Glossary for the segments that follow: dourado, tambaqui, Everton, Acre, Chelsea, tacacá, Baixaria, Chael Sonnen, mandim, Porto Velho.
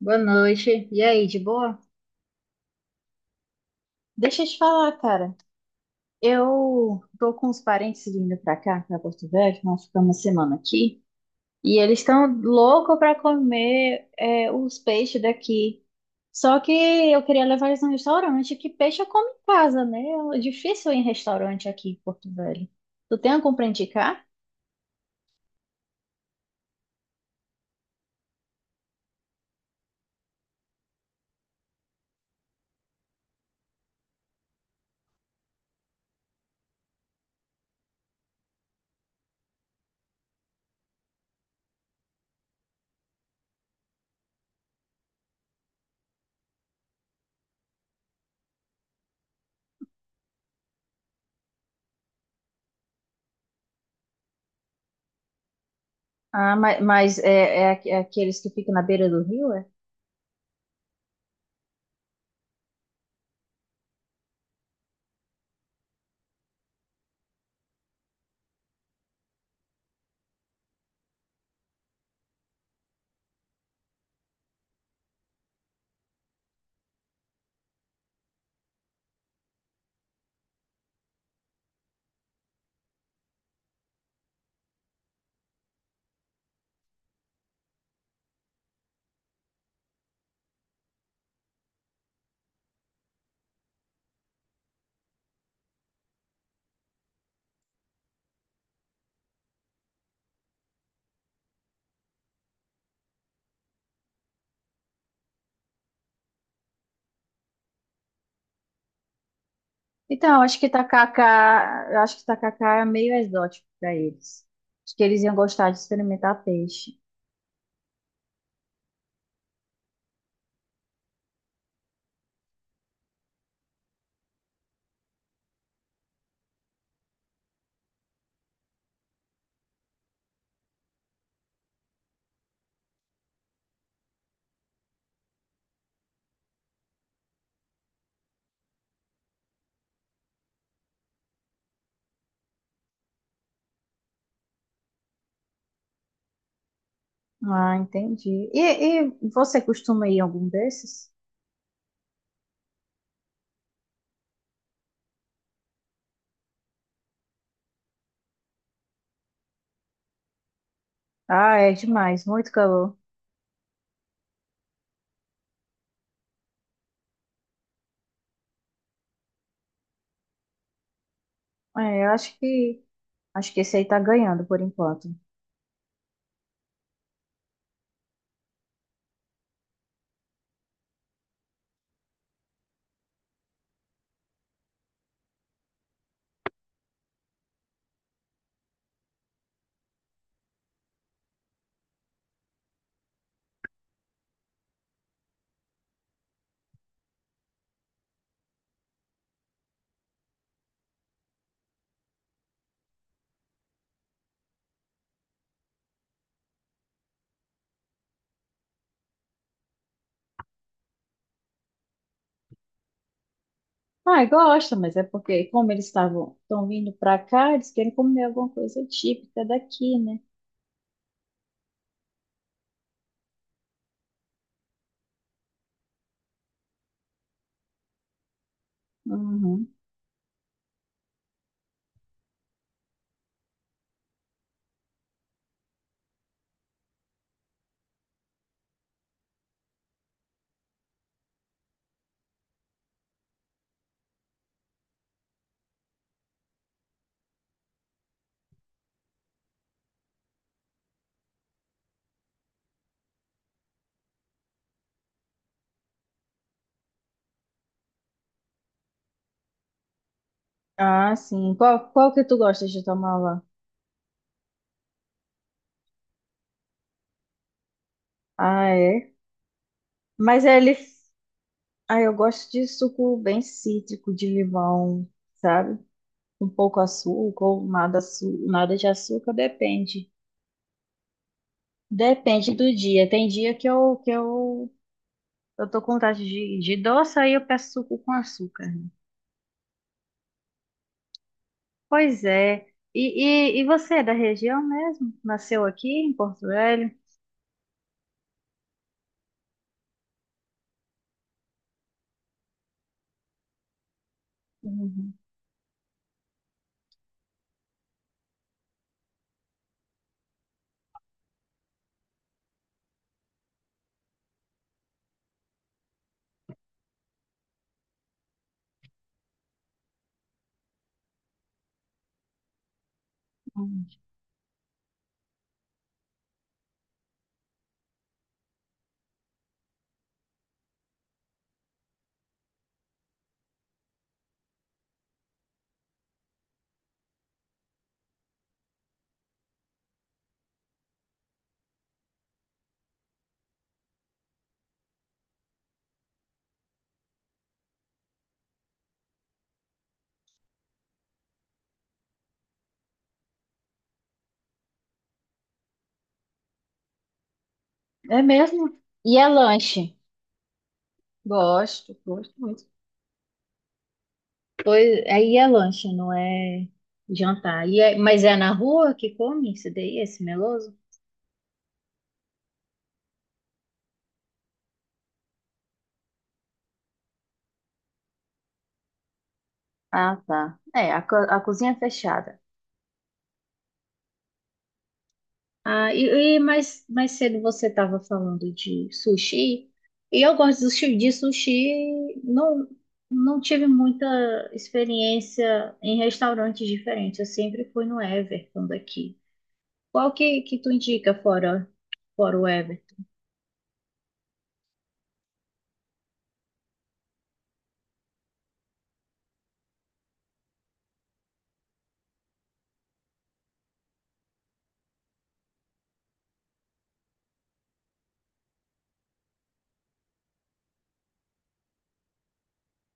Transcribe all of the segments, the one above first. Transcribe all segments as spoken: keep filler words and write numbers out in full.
Boa noite. E aí, de boa? Deixa eu te falar, cara. Eu tô com os parentes vindo pra cá, pra Porto Velho, nós ficamos uma semana aqui, e eles estão loucos pra comer é, os peixes daqui. Só que eu queria levar eles num restaurante, que peixe eu como em casa, né? É difícil ir em restaurante aqui em Porto Velho. Tu tem algum pra indicar? Ah, ma- mas, é, é aqu- é aqueles que ficam na beira do rio? Então, acho que tacacá, eu acho que tacacá é meio exótico para eles. Acho que eles iam gostar de experimentar peixe. Ah, entendi. E, e você costuma ir em algum desses? Ah, é demais, muito calor. É, eu acho que acho que esse aí tá ganhando por enquanto. Ah, gosta, mas é porque como eles estavam estão vindo para cá, eles querem comer alguma coisa típica daqui, né? Uhum. Ah, sim. Qual, qual que tu gosta de tomar lá? Ah, é. Mas ele Ah, eu gosto de suco bem cítrico, de limão, sabe? Um pouco açúcar ou nada, açu- nada de açúcar, depende. Depende do dia. Tem dia que eu, que eu, eu tô com vontade de, de doce, aí eu peço suco com açúcar, né? Pois é. E, e, e você é da região mesmo? Nasceu aqui em Porto Velho? Uhum. É mesmo? E é lanche? Gosto, gosto muito. Pois, aí é lanche, não é jantar. E é- mas é na rua que come esse daí, esse meloso? Ah, tá. É, a, co- a cozinha é fechada. Ah, e, e mais, mais cedo você estava falando de sushi, e eu gosto de sushi, de sushi, não, não tive muita experiência em restaurantes diferentes, eu sempre fui no Everton daqui. Qual que, que tu indica fora, fora o Everton?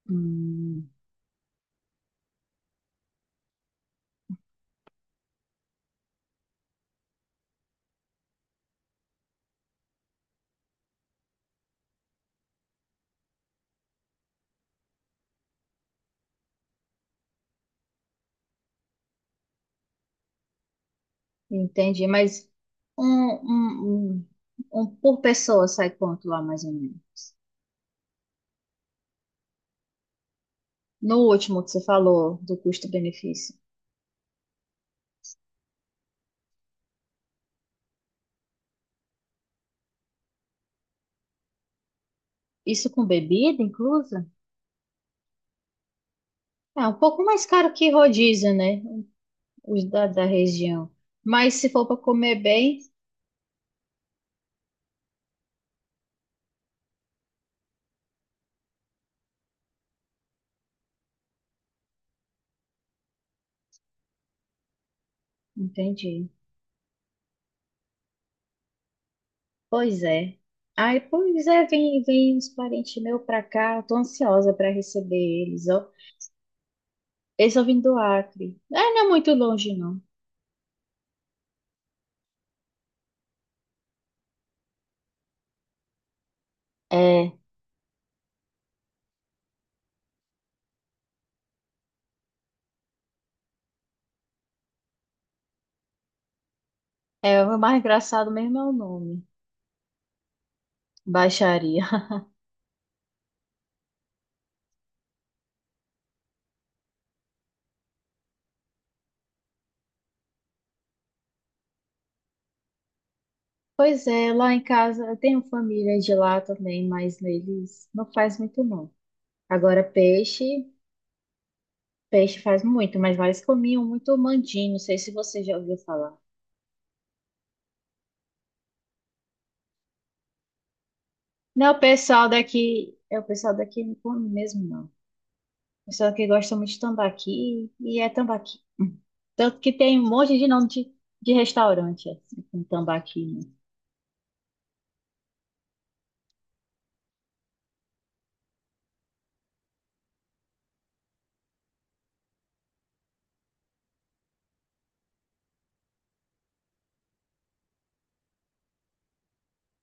Hum. Entendi, mas um, um, um, um por pessoa sai quanto lá, mais ou menos? No último que você falou do custo-benefício. Isso com bebida inclusa? É um pouco mais caro que rodízio, né? Os da, da região. Mas se for para comer bem, entendi. Pois é. Ai, pois é, vem, vem uns parentes meus pra cá. Eu tô ansiosa para receber eles, ó. Eles só vêm do Acre. É, não é muito longe, não. É, é, o mais engraçado mesmo é o nome. Baixaria. Pois é, lá em casa eu tenho família de lá também, mas eles não faz muito não. Agora peixe, peixe faz muito, mas lá eles comiam muito mandim, não sei se você já ouviu falar. Não, é o pessoal daqui, é o pessoal daqui não come mesmo não. O pessoal que gosta muito de tambaqui e é tambaqui. Hum. Tanto que tem um monte de nome de, de restaurante assim, com tambaqui,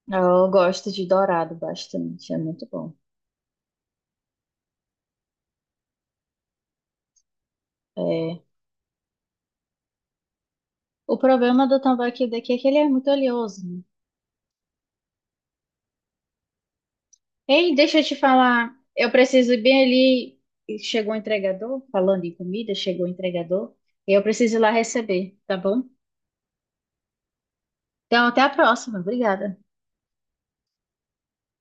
né? Eu gosto de dourado bastante, é muito bom. É, o problema do tambaqui daqui é que ele é muito oleoso, né? Ei, deixa eu te falar. Eu preciso ir bem ali. E chegou o entregador, falando em comida, chegou o entregador. E eu preciso ir lá receber, tá bom? Então, até a próxima. Obrigada.